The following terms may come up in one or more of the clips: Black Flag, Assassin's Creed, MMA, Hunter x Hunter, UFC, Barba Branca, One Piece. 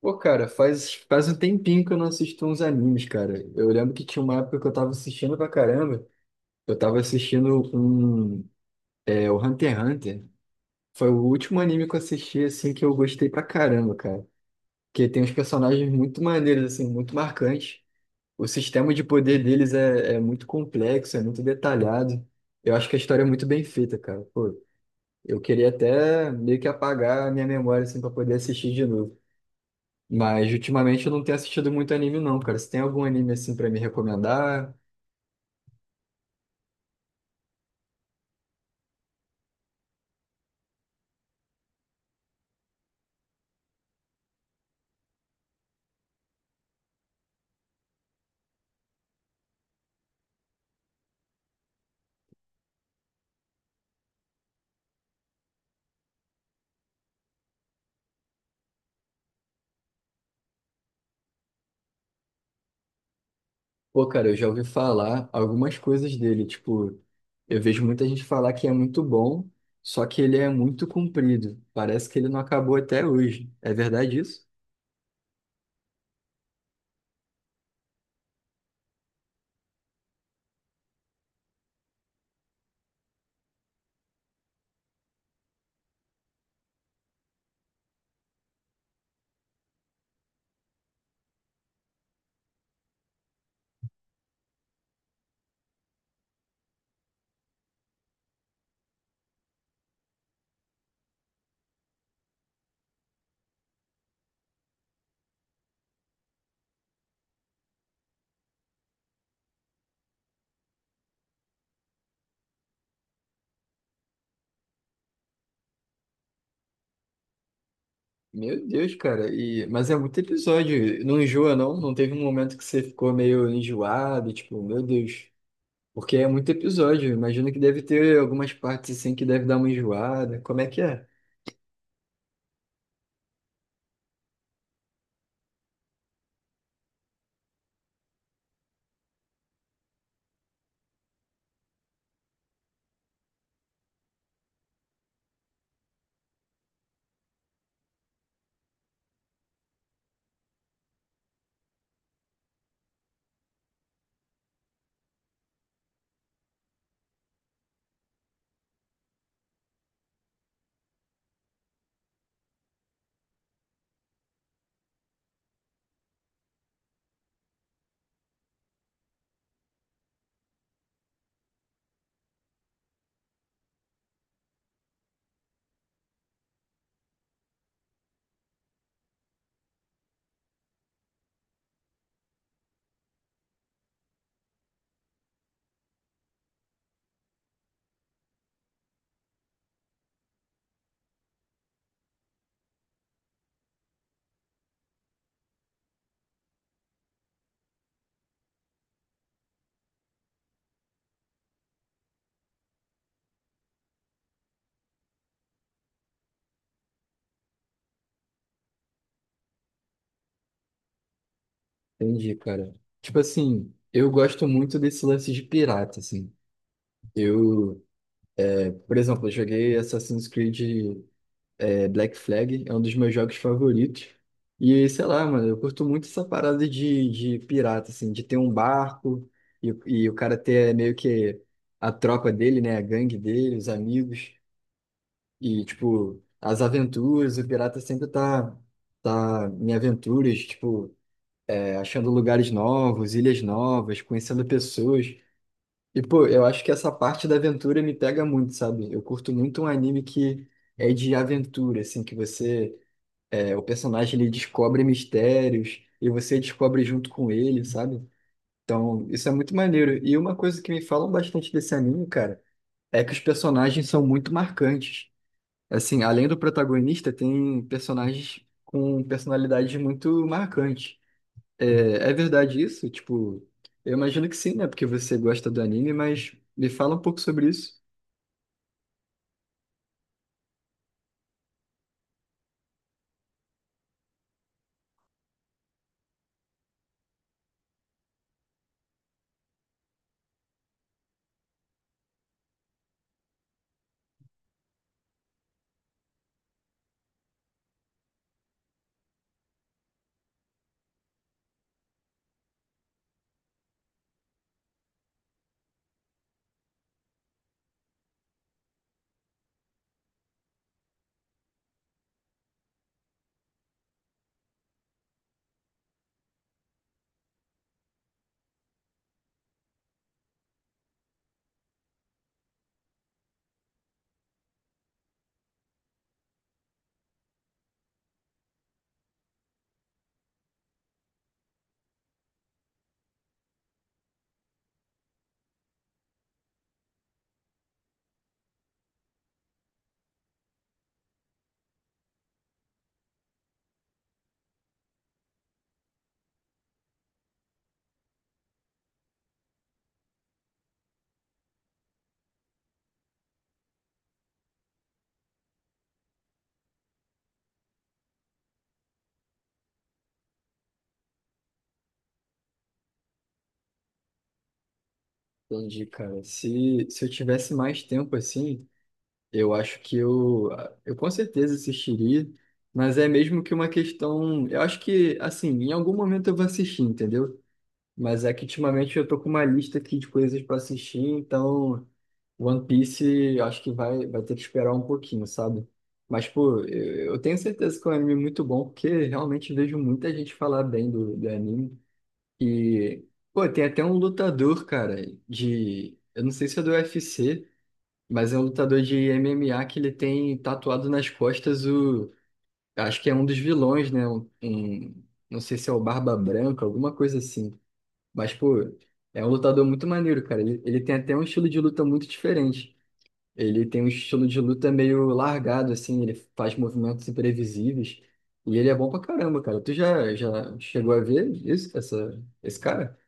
Pô, cara, faz um tempinho que eu não assisto uns animes, cara. Eu lembro que tinha uma época que eu tava assistindo pra caramba. Eu tava assistindo um, é, o Hunter x Hunter. Foi o último anime que eu assisti, assim, que eu gostei pra caramba, cara. Porque tem uns personagens muito maneiros, assim, muito marcantes. O sistema de poder deles é muito complexo, é muito detalhado. Eu acho que a história é muito bem feita, cara. Pô, eu queria até meio que apagar a minha memória, assim, pra poder assistir de novo. Mas ultimamente eu não tenho assistido muito anime, não, cara. Você tem algum anime assim pra me recomendar? Pô, cara, eu já ouvi falar algumas coisas dele. Tipo, eu vejo muita gente falar que é muito bom, só que ele é muito comprido. Parece que ele não acabou até hoje. É verdade isso? Meu Deus, cara. E... Mas é muito episódio. Não enjoa, não? Não teve um momento que você ficou meio enjoado, tipo, meu Deus. Porque é muito episódio. Imagino que deve ter algumas partes assim que deve dar uma enjoada. Como é que é? Entendi, cara. Tipo assim, eu gosto muito desse lance de pirata, assim. Eu, é, por exemplo, eu joguei Assassin's Creed, é, Black Flag, é um dos meus jogos favoritos. E sei lá, mano, eu curto muito essa parada de pirata, assim, de ter um barco e o cara ter é, meio que a tropa dele, né, a gangue dele, os amigos. E, tipo, as aventuras, o pirata sempre tá em aventuras, tipo, achando lugares novos, ilhas novas, conhecendo pessoas. E, pô, eu acho que essa parte da aventura me pega muito, sabe? Eu curto muito um anime que é de aventura, assim, que você, é, o personagem ele descobre mistérios e você descobre junto com ele, sabe? Então, isso é muito maneiro. E uma coisa que me falam bastante desse anime, cara, é que os personagens são muito marcantes. Assim, além do protagonista, tem personagens com personalidades muito marcantes. É, é verdade isso? Tipo, eu imagino que sim, né? Porque você gosta do anime, mas me fala um pouco sobre isso. Entendi, cara. Se eu tivesse mais tempo assim, eu acho que eu com certeza assistiria, mas é mesmo que uma questão. Eu acho que, assim, em algum momento eu vou assistir, entendeu? Mas é que ultimamente eu tô com uma lista aqui de coisas para assistir, então One Piece eu acho que vai ter que esperar um pouquinho, sabe? Mas, pô, eu tenho certeza que é um anime muito bom, porque realmente vejo muita gente falar bem do anime. E, pô, tem até um lutador, cara, de. Eu não sei se é do UFC, mas é um lutador de MMA que ele tem tatuado nas costas o. Acho que é um dos vilões, né? Um, não sei se é o Barba Branca, alguma coisa assim. Mas, pô, é um lutador muito maneiro, cara. Ele tem até um estilo de luta muito diferente. Ele tem um estilo de luta meio largado, assim, ele faz movimentos imprevisíveis. E ele é bom pra caramba, cara. Tu já chegou a ver isso, essa, esse cara?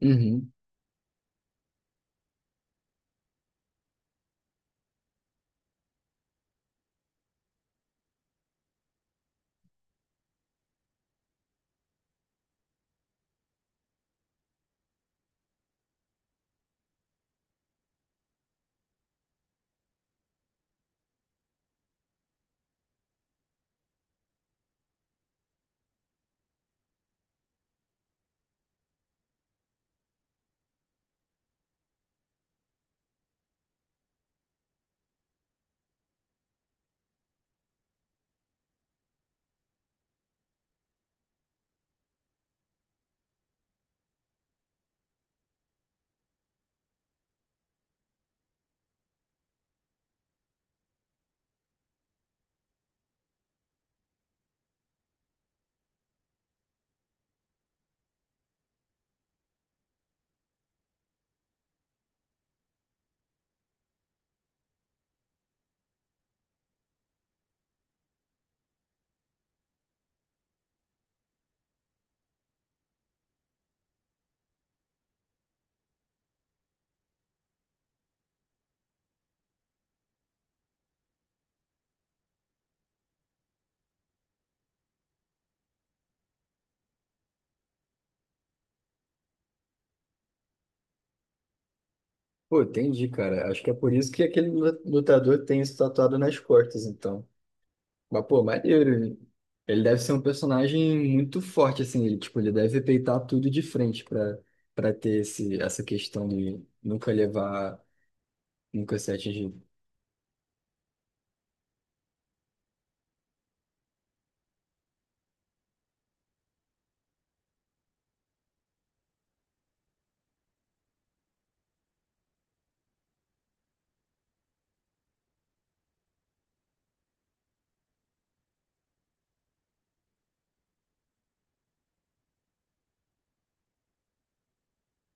Uhum. Pô, entendi, cara. Acho que é por isso que aquele lutador tem isso tatuado nas costas, então. Mas, pô, maneiro, hein? Ele deve ser um personagem muito forte, assim. Ele, tipo, ele deve peitar tudo de frente pra, pra ter esse, essa questão de nunca levar, nunca ser atingido.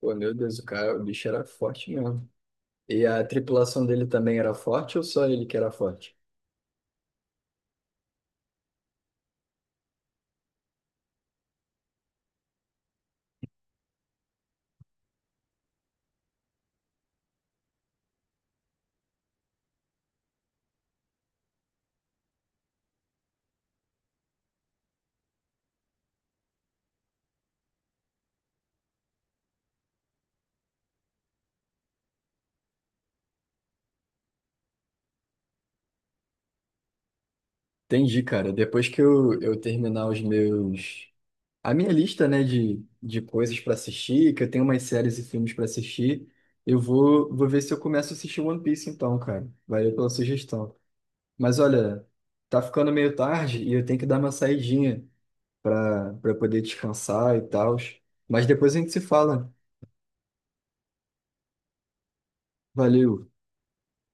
Pô, meu Deus, o cara, o bicho era forte mesmo. E a tripulação dele também era forte ou só ele que era forte? Entendi, cara. Depois que eu terminar os meus... A minha lista, né, de coisas pra assistir, que eu tenho umas séries e filmes pra assistir, eu vou ver se eu começo a assistir One Piece então, cara. Valeu pela sugestão. Mas olha, tá ficando meio tarde e eu tenho que dar uma saidinha para poder descansar e tal. Mas depois a gente se fala. Valeu.